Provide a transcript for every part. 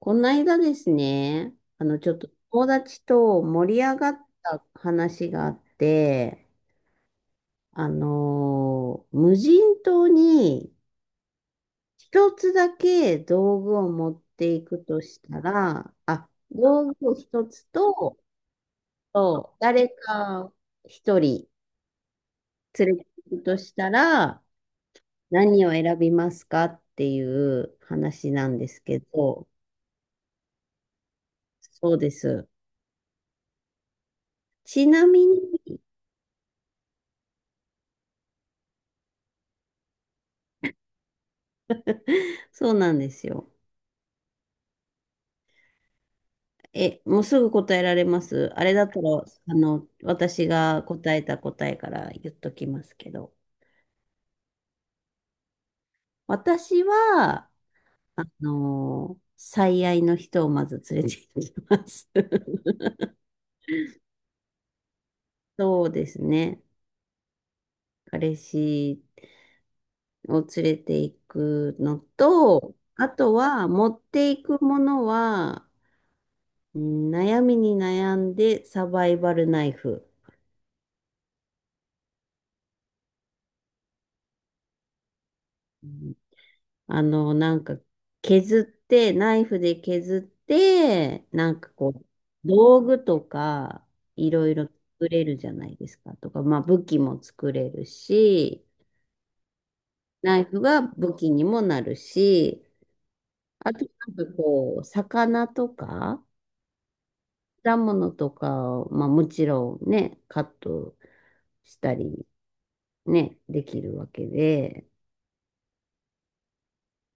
この間ですね、ちょっと友達と盛り上がった話があって、無人島に一つだけ道具を持っていくとしたら、あ、道具を一つと、誰か一人連れていくとしたら、何を選びますかっていう話なんですけど。そうです。ちなみに、そうなんですよ。もうすぐ答えられます。あれだったら、私が答えた答えから言っときますけど。私は、最愛の人をまず連れて行きます。そうですね。彼氏を連れて行くのと、あとは持っていくものは、うん悩みに悩んでサバイバルナイフ。なんか、削って、ナイフで削って、なんかこう、道具とか、いろいろ作れるじゃないですか。とか、まあ、武器も作れるし、ナイフが武器にもなるし、あと、なんかこう、魚とか、果物とかを、まあ、もちろんね、カットしたり、ね、できるわけで、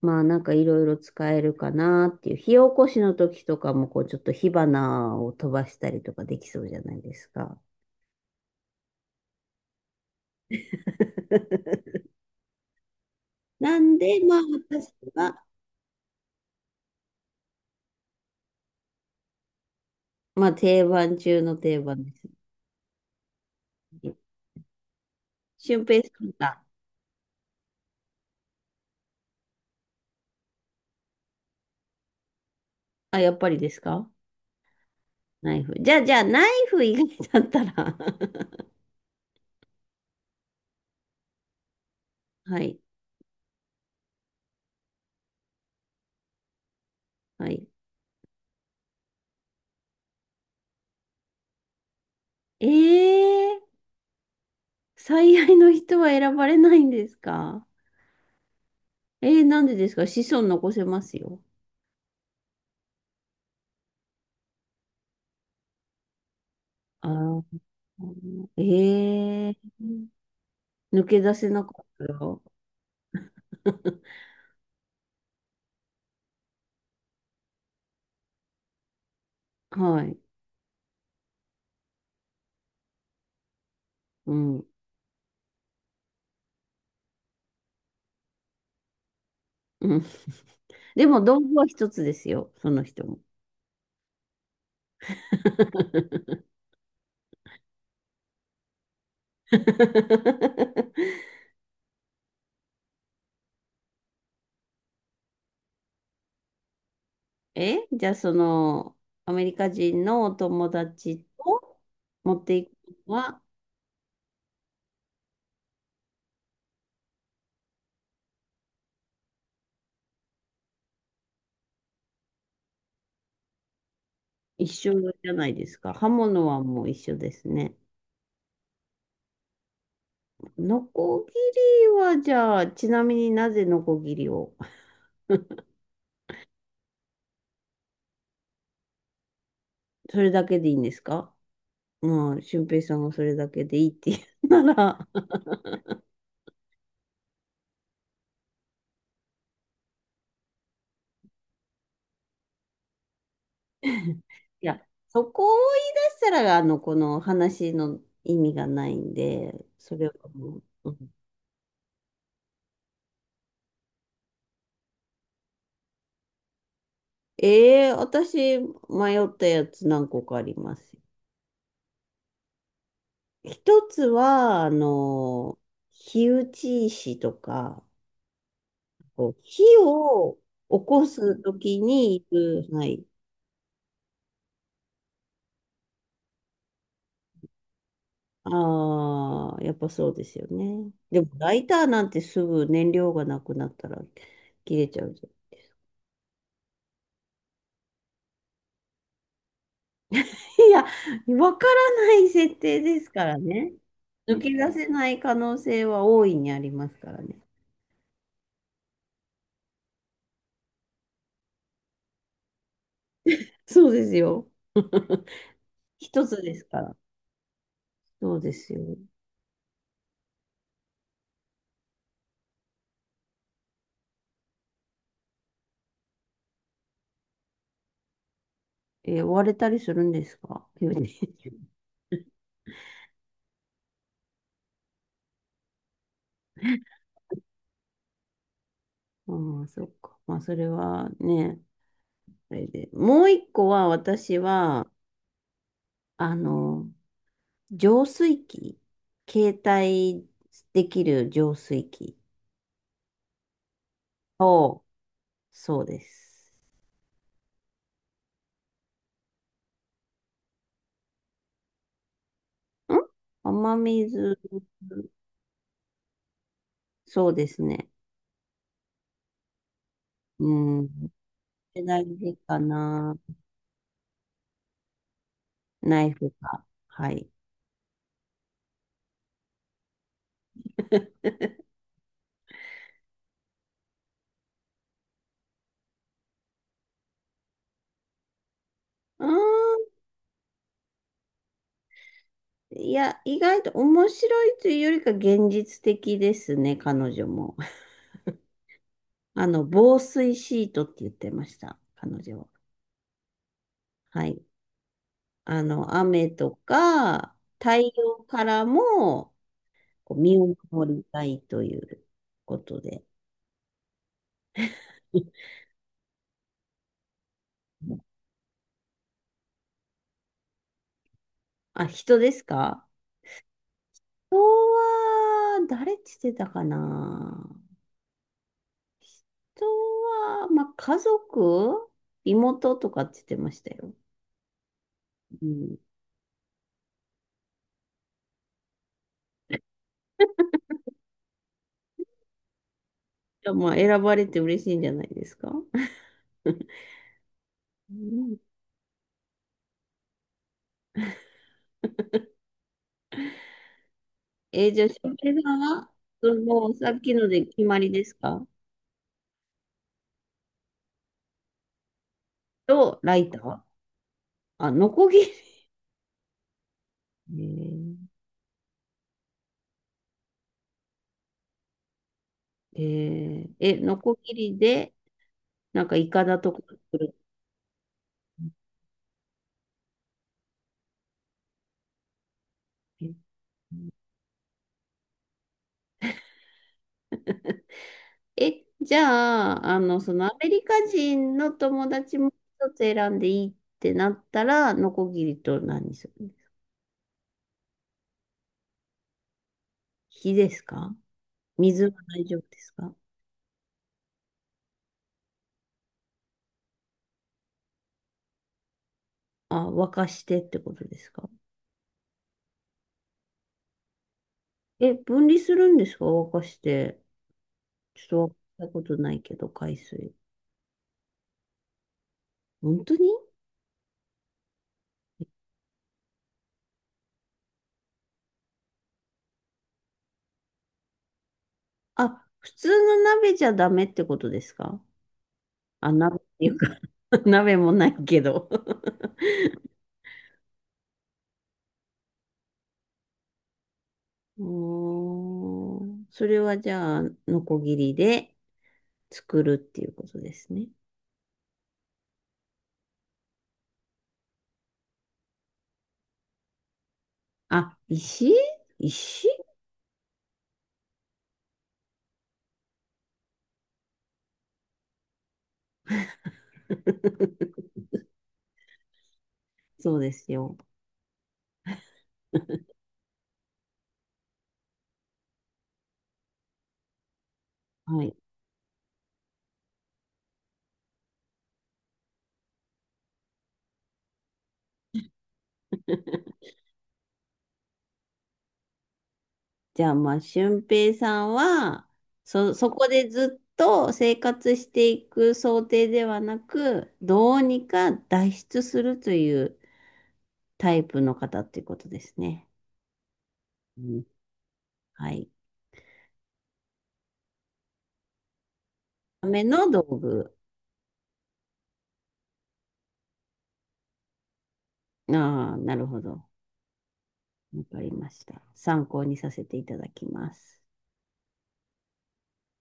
まあなんかいろいろ使えるかなっていう。火起こしの時とかもこうちょっと火花を飛ばしたりとかできそうじゃないですか。なんで、まあ私は、まあ定番中の定番ですね。俊平さんが、あ、やっぱりですか？ナイフ。じゃあ、ナイフ以外だったら はい、はい。えー、最愛の人は選ばれないんですか？えー、なんでですか？子孫残せますよ。ああ、ええー。抜け出せなかったよ。はい。うん。うん。でも、道具は一つですよ、その人も。え、じゃあ、アメリカ人のお友達と持っていくのは一緒じゃないですか。刃物はもう一緒ですね。ノコギリは、じゃあ、ちなみになぜノコギリを。それだけでいいんですか？うん、俊平さんがそれだけでいいって言うなら。いや、そこを言い出したら、この話の意味がないんで、それはもう、私、迷ったやつ何個かあります。一つは、火打ち石とか、こう、火を起こすときに行く、はい。ああ、やっぱそうですよね。でも、ライターなんてすぐ燃料がなくなったら切れちゃう。いや、わからない設定ですからね。抜け出せない可能性は大いにありますからね。そうですよ。一つですから。そうですよ。えー追われたりするんですか？ああー、そっか。まあ、それはね、あれで。もう一個は、私は、あの、浄水器、携帯できる浄水器を、そうです。ん雨水、そうですね。うん。大事かな。ナイフが。はい。うーん。いや、意外と面白いというよりか現実的ですね、彼女も。防水シートって言ってました、彼女は。はい。雨とか太陽からもこう身を守りたいということで。あ、人ですか？人は、誰って言ってたかな。人は、まあ、家族、妹とかって言ってましたよ。うん。いやまあ、選ばれて嬉しいんじゃないですか。うん。じゃあ、翔平さんは、さっきので決まりですか？と、ライター、あ、ノコギリ。えー、えーえノコギリで、なんか、イカダとか作る。ええ、じゃあ、そのアメリカ人の友達も一つ選んでいいってなったら、ノコギリと何する？火ですか？水は大丈夫ですか？あ、沸かしてってことですか？え、分離するんですか？沸かして。ちょっと沸かしたことないけど、海水。本当に？あ、普通の鍋じゃダメってことですか？あ、鍋っていうか 鍋もないけど うーん。それはじゃあ、ノコギリで。作るっていうことですね。あ、石、石 そうですよ。はい。じゃあ、まあ、俊平さんは、そこでずっと生活していく想定ではなく、どうにか脱出するというタイプの方っていうことですね。うん、はい。ための道具。ああ、なるほど。わかりました。参考にさせていただきます。